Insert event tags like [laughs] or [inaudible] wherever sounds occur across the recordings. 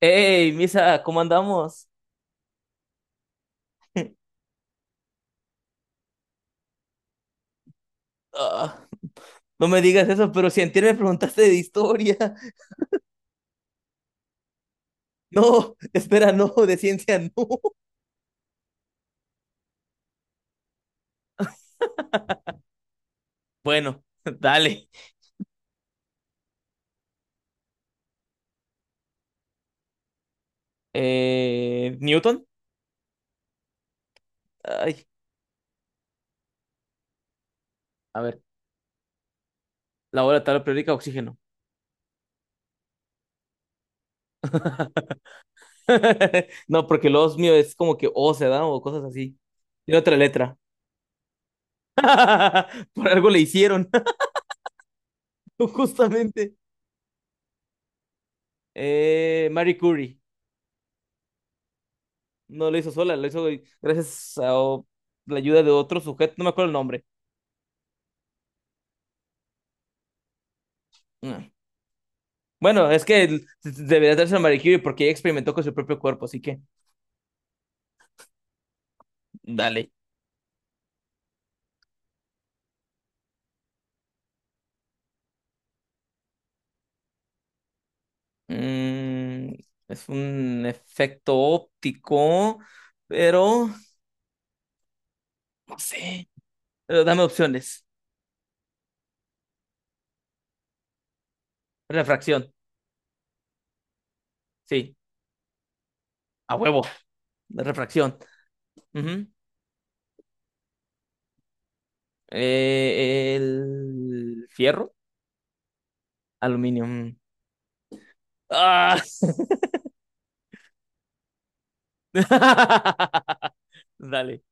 Hey, Misa, ¿cómo andamos? [laughs] Ah, no me digas eso, pero si antier me preguntaste de historia. [laughs] No, espera, no, de ciencia no. [laughs] Bueno, dale. ¿Newton? Ay, a ver, la hora de tabla periódica, oxígeno. [laughs] No, porque los mío es como que O se da o cosas así. Tiene otra letra. [laughs] Por algo le hicieron, [laughs] justamente. Marie Curie. No lo hizo sola, lo hizo gracias a la ayuda de otro sujeto, no me acuerdo el nombre. Mm. Bueno, es que debería darse a Marie Curie porque ella experimentó con su propio cuerpo, así que dale. Mm, es un efecto óptico, pero no sé. Pero dame opciones. Refracción, sí, a huevo, refracción. Ujú. El fierro, aluminio. Mm. Ah. [laughs] Dale.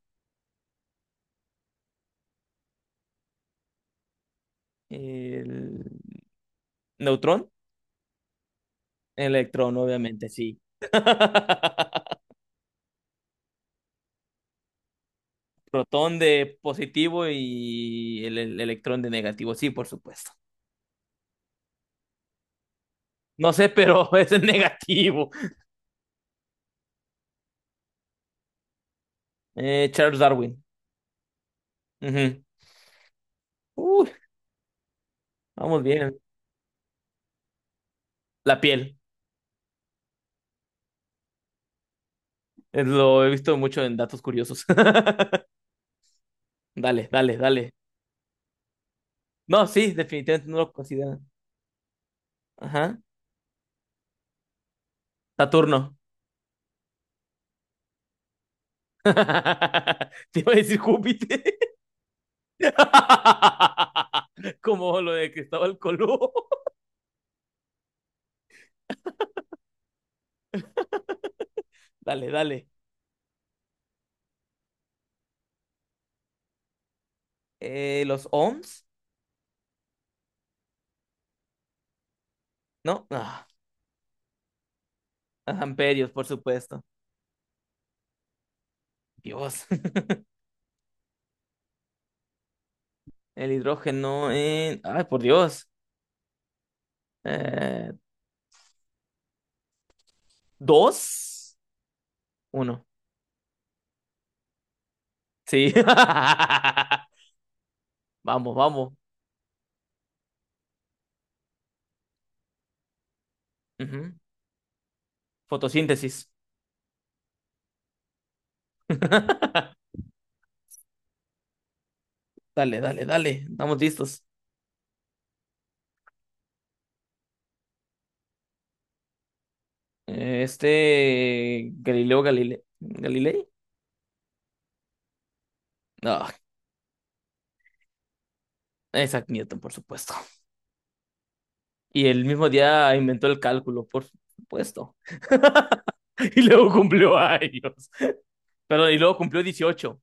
El neutrón, electrón, obviamente, sí. [laughs] Protón de positivo y el electrón de negativo. Sí, por supuesto. No sé, pero [laughs] es el negativo. Charles Darwin. Ujú. Uy, vamos bien. La piel. Lo he visto mucho en datos curiosos. [laughs] Dale, dale, dale. No, sí, definitivamente no lo consideran. Ajá. Saturno. [laughs] Te iba a decir Júpiter. [laughs] Como lo de Cristóbal Colón. [laughs] Dale, dale. Los ohms, ¿no? Ah. Ajá, amperios, por supuesto. Dios, [laughs] el hidrógeno en... Ay, por Dios. Eh, ¿Dos? Uno. Sí. [laughs] Vamos, vamos. Ujú. Fotosíntesis. Dale, dale, dale. Estamos listos. Galileo Galilei. Galilei. No, Isaac Newton, por supuesto. Y el mismo día inventó el cálculo, por supuesto. [laughs] Y luego cumplió años. Perdón, y luego cumplió 18.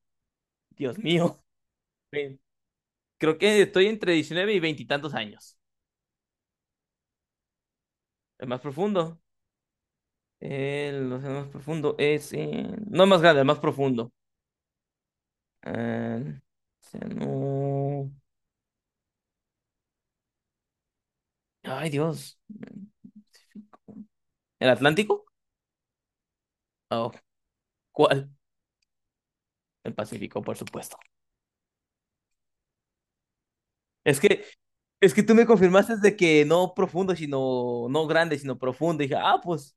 Dios mío. Sí. Creo que estoy entre 19 y veinte y tantos años. El más profundo. El océano más profundo es. No el más grande, el más profundo. El océano- Ay, Dios. ¿El Atlántico? Oh, ¿cuál? El Pacífico, por supuesto. Es que, es que tú me confirmaste de que no profundo, sino. No grande, sino profundo. Y dije, ah, pues.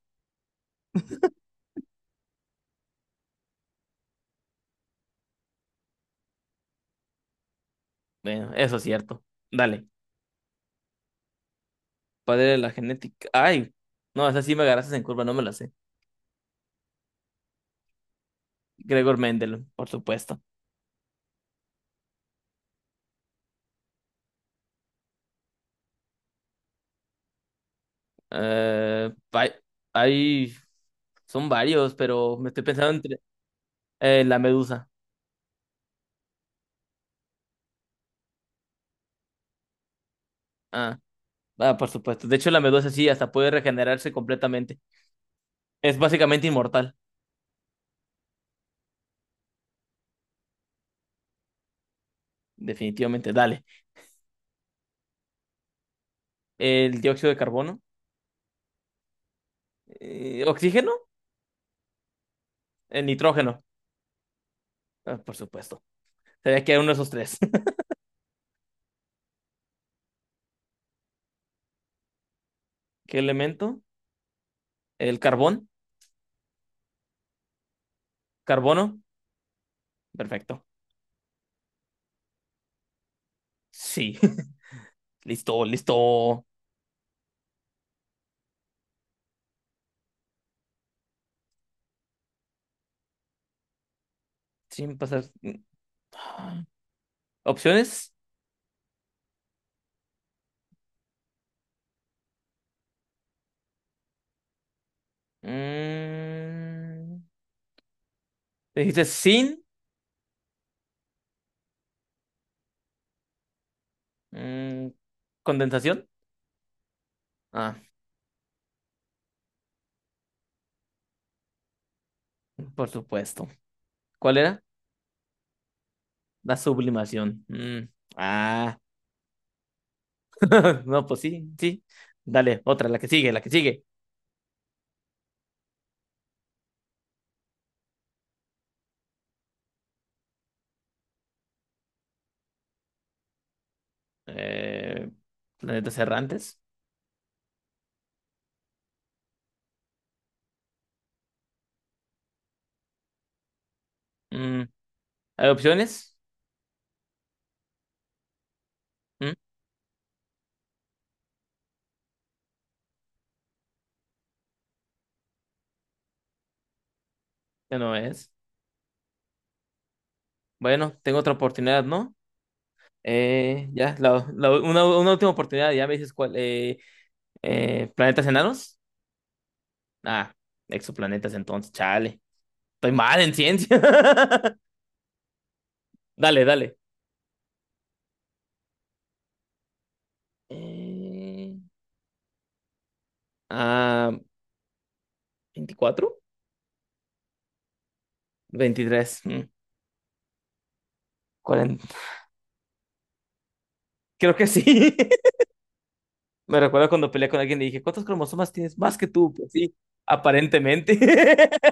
Bueno, eso es cierto. Dale. Padre de la genética. Ay. No, esa sí me agarraste en curva, no me la sé. Gregor Mendel, por supuesto. Eh, hay, hay- Son varios, pero me estoy pensando entre la medusa. Ah, ah, por supuesto. De hecho, la medusa sí, hasta puede regenerarse completamente. Es básicamente inmortal, definitivamente. Dale. El dióxido de carbono, oxígeno, el nitrógeno, ah, por supuesto. Sería que hay uno de esos tres. [laughs] ¿Qué elemento? El carbón, carbono, perfecto. Sí, [laughs] listo, listo. Sin pasar. Ah. Opciones. Mm. Dijiste sin mm, Condensación. Ah, por supuesto. ¿Cuál era? La sublimación. Mm, ah, [laughs] no, pues sí, sí. Dale, otra, la que sigue, la que sigue. Eh, Planetas errantes. Mm, ¿Hay opciones? Mm, ya no es. Bueno, tengo otra oportunidad, ¿no? Una última oportunidad, ya me dices cuál. ¿Planetas enanos? Ah, exoplanetas entonces, chale. Estoy mal en ciencia. [laughs] Dale, dale. Eh, ah, ¿24? 23. Mm, 40. [laughs] Creo que sí. [laughs] Me recuerdo cuando peleé con alguien y dije, ¿cuántos cromosomas tienes más que tú? Pues sí, aparentemente. [laughs]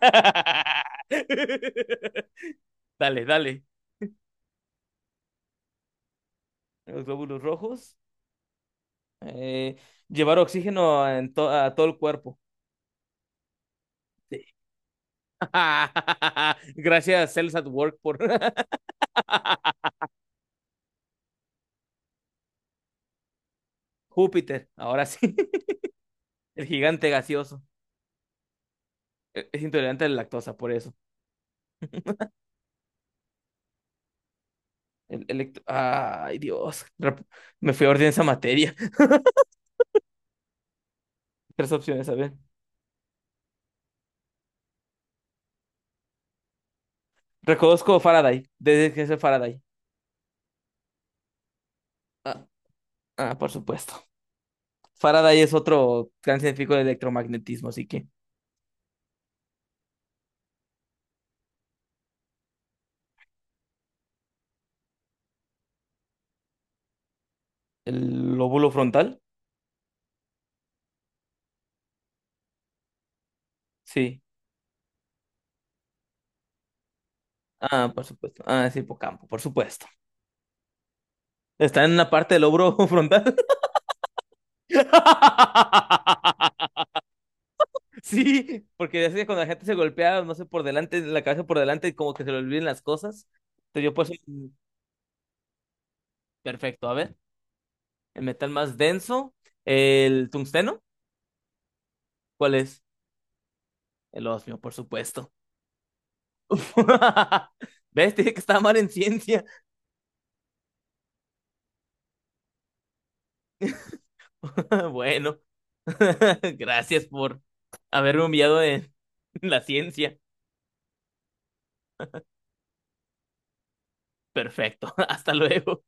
Dale, dale. Los glóbulos rojos. Eh, Llevar oxígeno a todo el cuerpo. Sí. [laughs] Gracias, Cells at Work, por [laughs] Júpiter. Ahora sí. [laughs] El gigante gaseoso. Es intolerante a la lactosa, por eso. Ay, Dios. Me fui a orden esa materia. [laughs] Tres opciones, a ver. Reconozco Faraday. Desde que es el Faraday. Ah, ah, por supuesto. Faraday es otro gran científico de electromagnetismo, así que. ¿El lóbulo frontal? Sí. Ah, por supuesto. Ah, es hipocampo, por supuesto. ¿Está en una parte del lóbulo [laughs] frontal? [laughs] Sí, porque ya sé que cuando la gente se golpea, no sé, por delante, la cabeza por delante, como que se le olviden las cosas. Entonces yo pues... Perfecto, a ver. El metal más denso. El tungsteno. ¿Cuál es? El osmio, por supuesto. [laughs] ¿Ves? Te dije que estaba mal en ciencia. [laughs] Bueno. [laughs] Gracias por haberme humillado en la ciencia. Perfecto. [laughs] Hasta luego.